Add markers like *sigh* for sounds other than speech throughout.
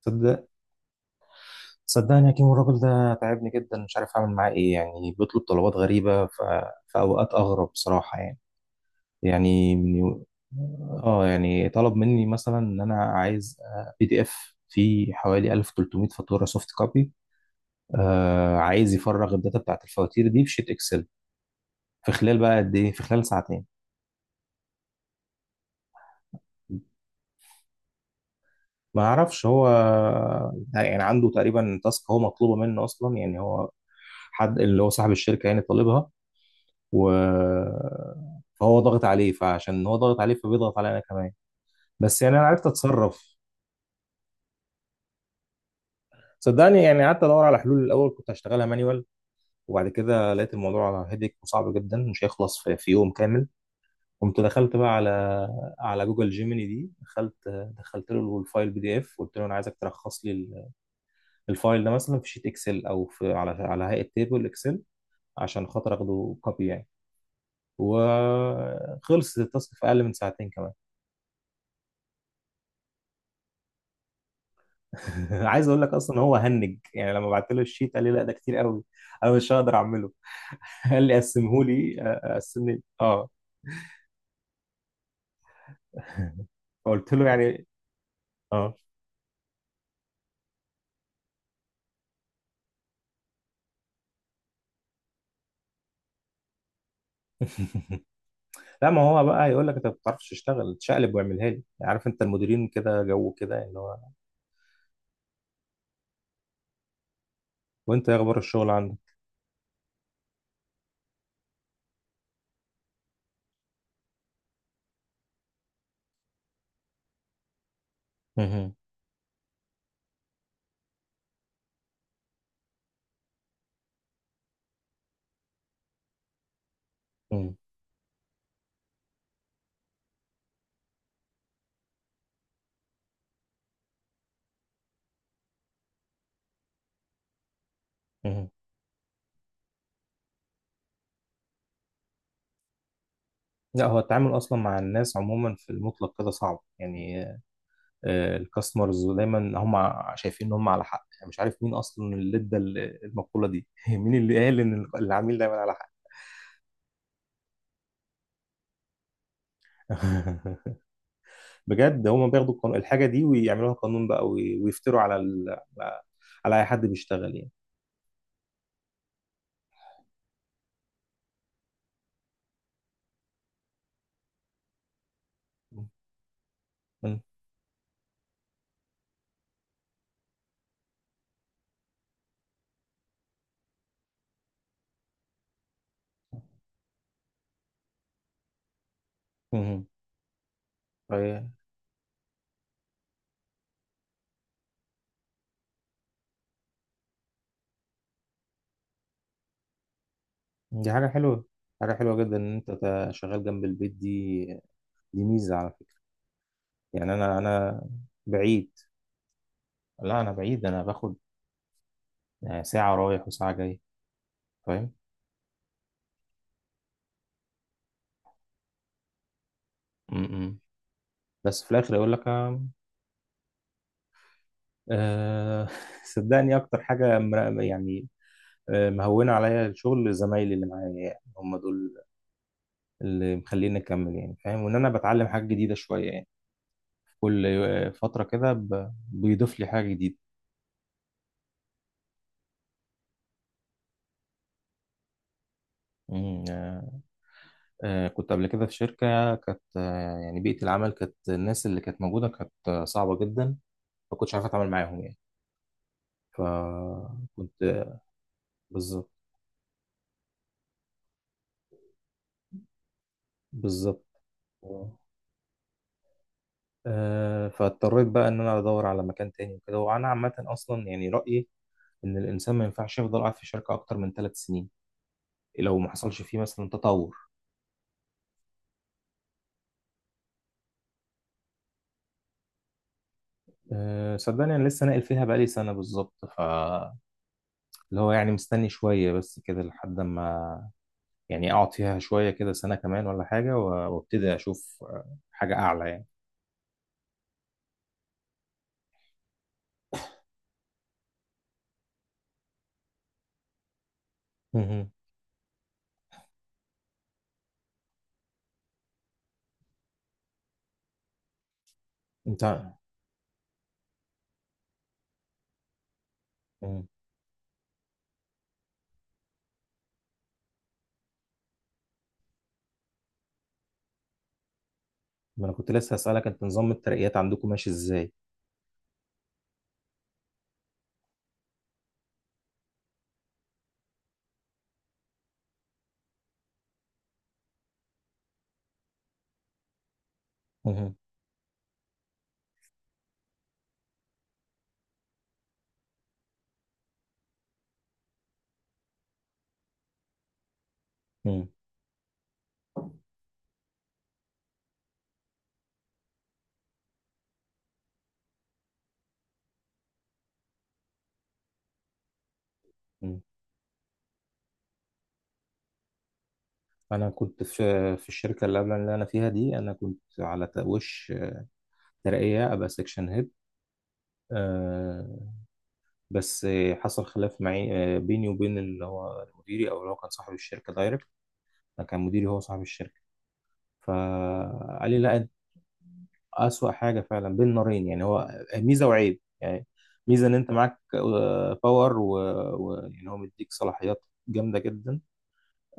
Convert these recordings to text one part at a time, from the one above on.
صدق صدقني يا كيمو الراجل ده تعبني جدا، مش عارف اعمل معاه ايه. يعني بيطلب طلبات غريبة في اوقات اغرب بصراحة يعني. يعني من... اه يعني طلب مني مثلا ان انا عايز بي دي اف فيه حوالي 1300 فاتورة سوفت كوبي. عايز يفرغ الداتا بتاعت الفواتير دي في شيت اكسل في خلال، بقى قد ايه، في خلال ساعتين. ما اعرفش هو يعني عنده تقريبا تاسك هو مطلوبة منه اصلا، يعني هو حد اللي هو صاحب الشركة يعني طالبها و فهو ضاغط عليه، فعشان هو ضاغط عليه فبيضغط عليا انا كمان. بس يعني انا عرفت اتصرف. صدقني يعني قعدت ادور على حلول. الاول كنت هشتغلها مانيوال، وبعد كده لقيت الموضوع هيدك وصعب جدا، مش هيخلص في يوم كامل. قمت دخلت بقى على جوجل جيميني دي. دخلت، دخلت له الفايل بي دي اف، قلت له انا عايزك تلخص لي الفايل ده مثلا في شيت اكسل، او في على هيئه تيبل اكسل عشان خاطر اخده كوبي يعني. وخلص التاسك في اقل من ساعتين كمان. *laughs* عايز اقول لك اصلا هو هنج، يعني لما بعت له الشيت قال لي لا ده كتير قوي، انا مش هقدر اعمله. *laughs* قال لي قسمه لي، قسم لي. اه، فقلت له يعني اه. *laughs* لا، ما هو بقى يقول لك انت ما بتعرفش تشتغل، تشقلب واعملها لي. عارف، انت المديرين كده جو كده اللي هو. وانت ايه اخبار الشغل عندك؟ مهم. مهم. مهم. لا هو التعامل اصلا مع الناس عموما في المطلق كده صعب يعني. الكاستمرز دايما هم شايفين ان هم على حق، يعني مش عارف مين اصلا اللي ادى المقولة دي. *laughs* مين اللي قال ان العميل دايما على حق؟ *laughs* بجد، هم بياخدوا الحاجة دي ويعملوها قانون بقى، ويفتروا على على اي حد بيشتغل يعني. م- م- م. دي حاجة حلوة. حاجة حلوة جدا ان انت شغال جنب البيت دي. دي ميزة على فكرة. يعني انا بعيد. لا انا بعيد، انا باخد آه، ساعة رايح وساعة جاي. فاهم؟ م- م. بس في الاخر يقول لك أه. *laughs* صدقني اكتر حاجه يعني آه، مهونه عليا الشغل زمايلي اللي معايا، يعني هم دول اللي مخليني اكمل يعني. فاهم؟ وان انا بتعلم حاجه جديده شويه يعني. كل آه، فتره كده بيضيف لي حاجه جديده. مم، آه، آه، كنت قبل كده في شركه كانت آه، يعني بيئه العمل كانت، الناس اللي كانت موجوده كانت آه، صعبه جدا. ما كنتش عارف اتعامل معاهم يعني. فكنت، بالظبط، بالظبط. آه، فاضطريت بقى ان انا ادور على مكان تاني وكده. وانا عامه اصلا يعني رايي ان الانسان ما ينفعش يفضل قاعد في شركه اكتر من 3 سنين، لو ما حصلش فيه مثلا تطور. أه صدقني انا لسه ناقل فيها بقالي سنه بالظبط، اللي هو يعني مستني شويه بس كده لحد ما، يعني اقعد فيها شويه كده سنه كمان ولا حاجه، وابتدي اشوف آه، حاجه اعلى يعني. مهم. انت، مهم. ما انا كنت لسه هسالك، انت نظام الترقيات عندكم ماشي ازاي؟ مهم. مهم. انا كنت في، في الشركه اللي قبل اللي انا فيها دي، انا كنت على وش ترقيه ابقى سكشن هيد آه، بس آه، حصل خلاف معي آه، بيني وبين اللي هو مديري، او اللي هو كان صاحب الشركه دايركت. ما كان مديري هو صاحب الشركه. فقال لي لا أنت، اسوأ حاجه فعلا، بين نارين يعني. هو ميزه وعيب يعني. ميزه ان انت معاك آه، باور، ويعني هو مديك صلاحيات جامده جدا.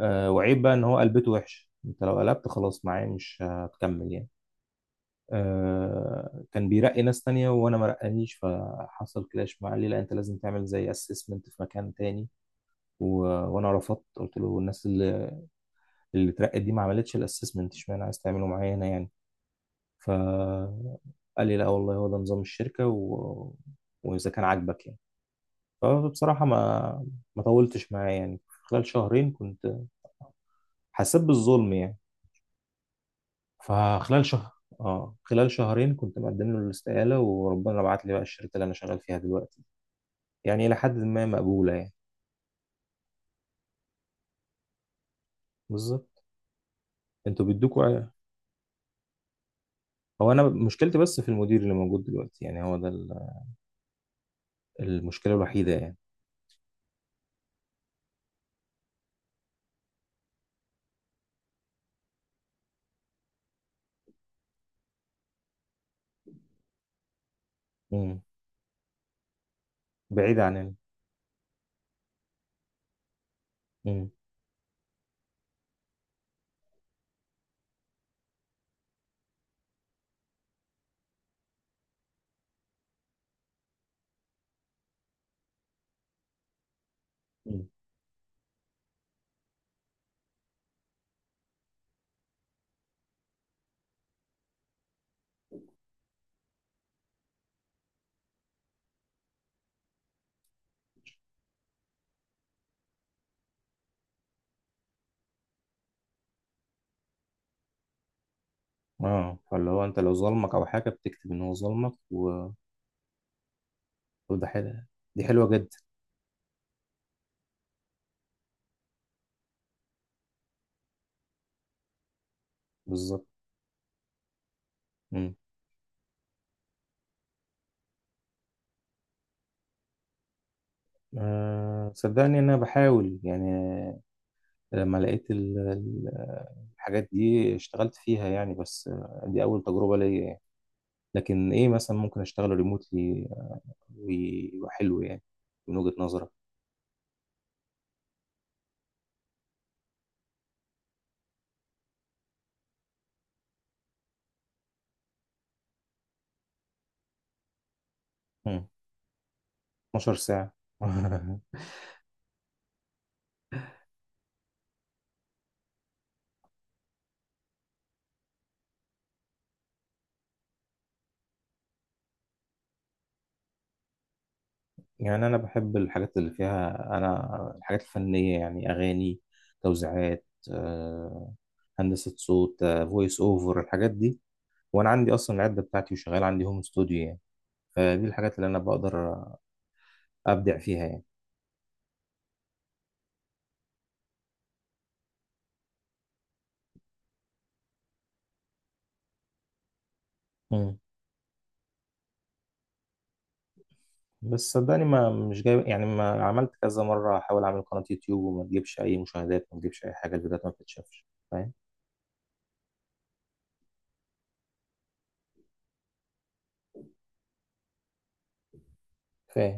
آه، وعيب بقى ان هو قلبته وحش، انت لو قلبت خلاص معاه مش هتكمل يعني. آه، كان بيرقي ناس تانية وانا ما رقانيش، فحصل كلاش معاه، ليه؟ لا، انت لازم تعمل زي اسسمنت في مكان تاني. و... وانا رفضت، قلت له الناس اللي اترقت دي ما عملتش الاسسمنت، اشمعنى عايز تعمله معايا هنا يعني؟ ف قال لي لا والله هو ده نظام الشركة، واذا كان عاجبك يعني. فبصراحة ما طولتش معاه يعني، خلال شهرين كنت، حسيت بالظلم يعني. فخلال شهر اه خلال شهرين كنت مقدم له الاستقالة، وربنا بعت لي بقى الشركة اللي انا شغال فيها دلوقتي، يعني إلى حد ما مقبولة يعني. بالظبط. أنتوا بيدوكوا هو أنا مشكلتي بس في المدير اللي موجود دلوقتي، يعني هو ده المشكلة الوحيدة يعني. امم، بعيد عننا. امم. امم. اه، فاللي هو أنت لو ظلمك أو حاجة بتكتب إن هو ظلمك وده حلو. دي حلوة جدا. بالظبط. امم. آه صدقني إن أنا بحاول يعني، لما لقيت الحاجات دي اشتغلت فيها يعني. بس آه، دي أول تجربة ليا يعني. لكن ايه مثلا ممكن اشتغل ريموتلي ويبقى حلو يعني، من وجهة نظرك؟ مم. 12 ساعة. *laughs* يعني أنا بحب الحاجات اللي فيها، أنا الحاجات الفنية يعني، أغاني، توزيعات، آه، هندسة صوت، فويس أوفر، الحاجات دي. وأنا عندي أصلا العدة بتاعتي، وشغال عندي هوم استوديو يعني. فدي الحاجات اللي أنا بقدر أبدع فيها يعني. مم. بس صدقني ما مش جاي يعني، ما عملت كذا مرة أحاول أعمل قناة يوتيوب وما تجيبش أي مشاهدات، ما تجيبش أي حاجة، الفيديوهات ما بتتشافش. فاهم؟ فاهم.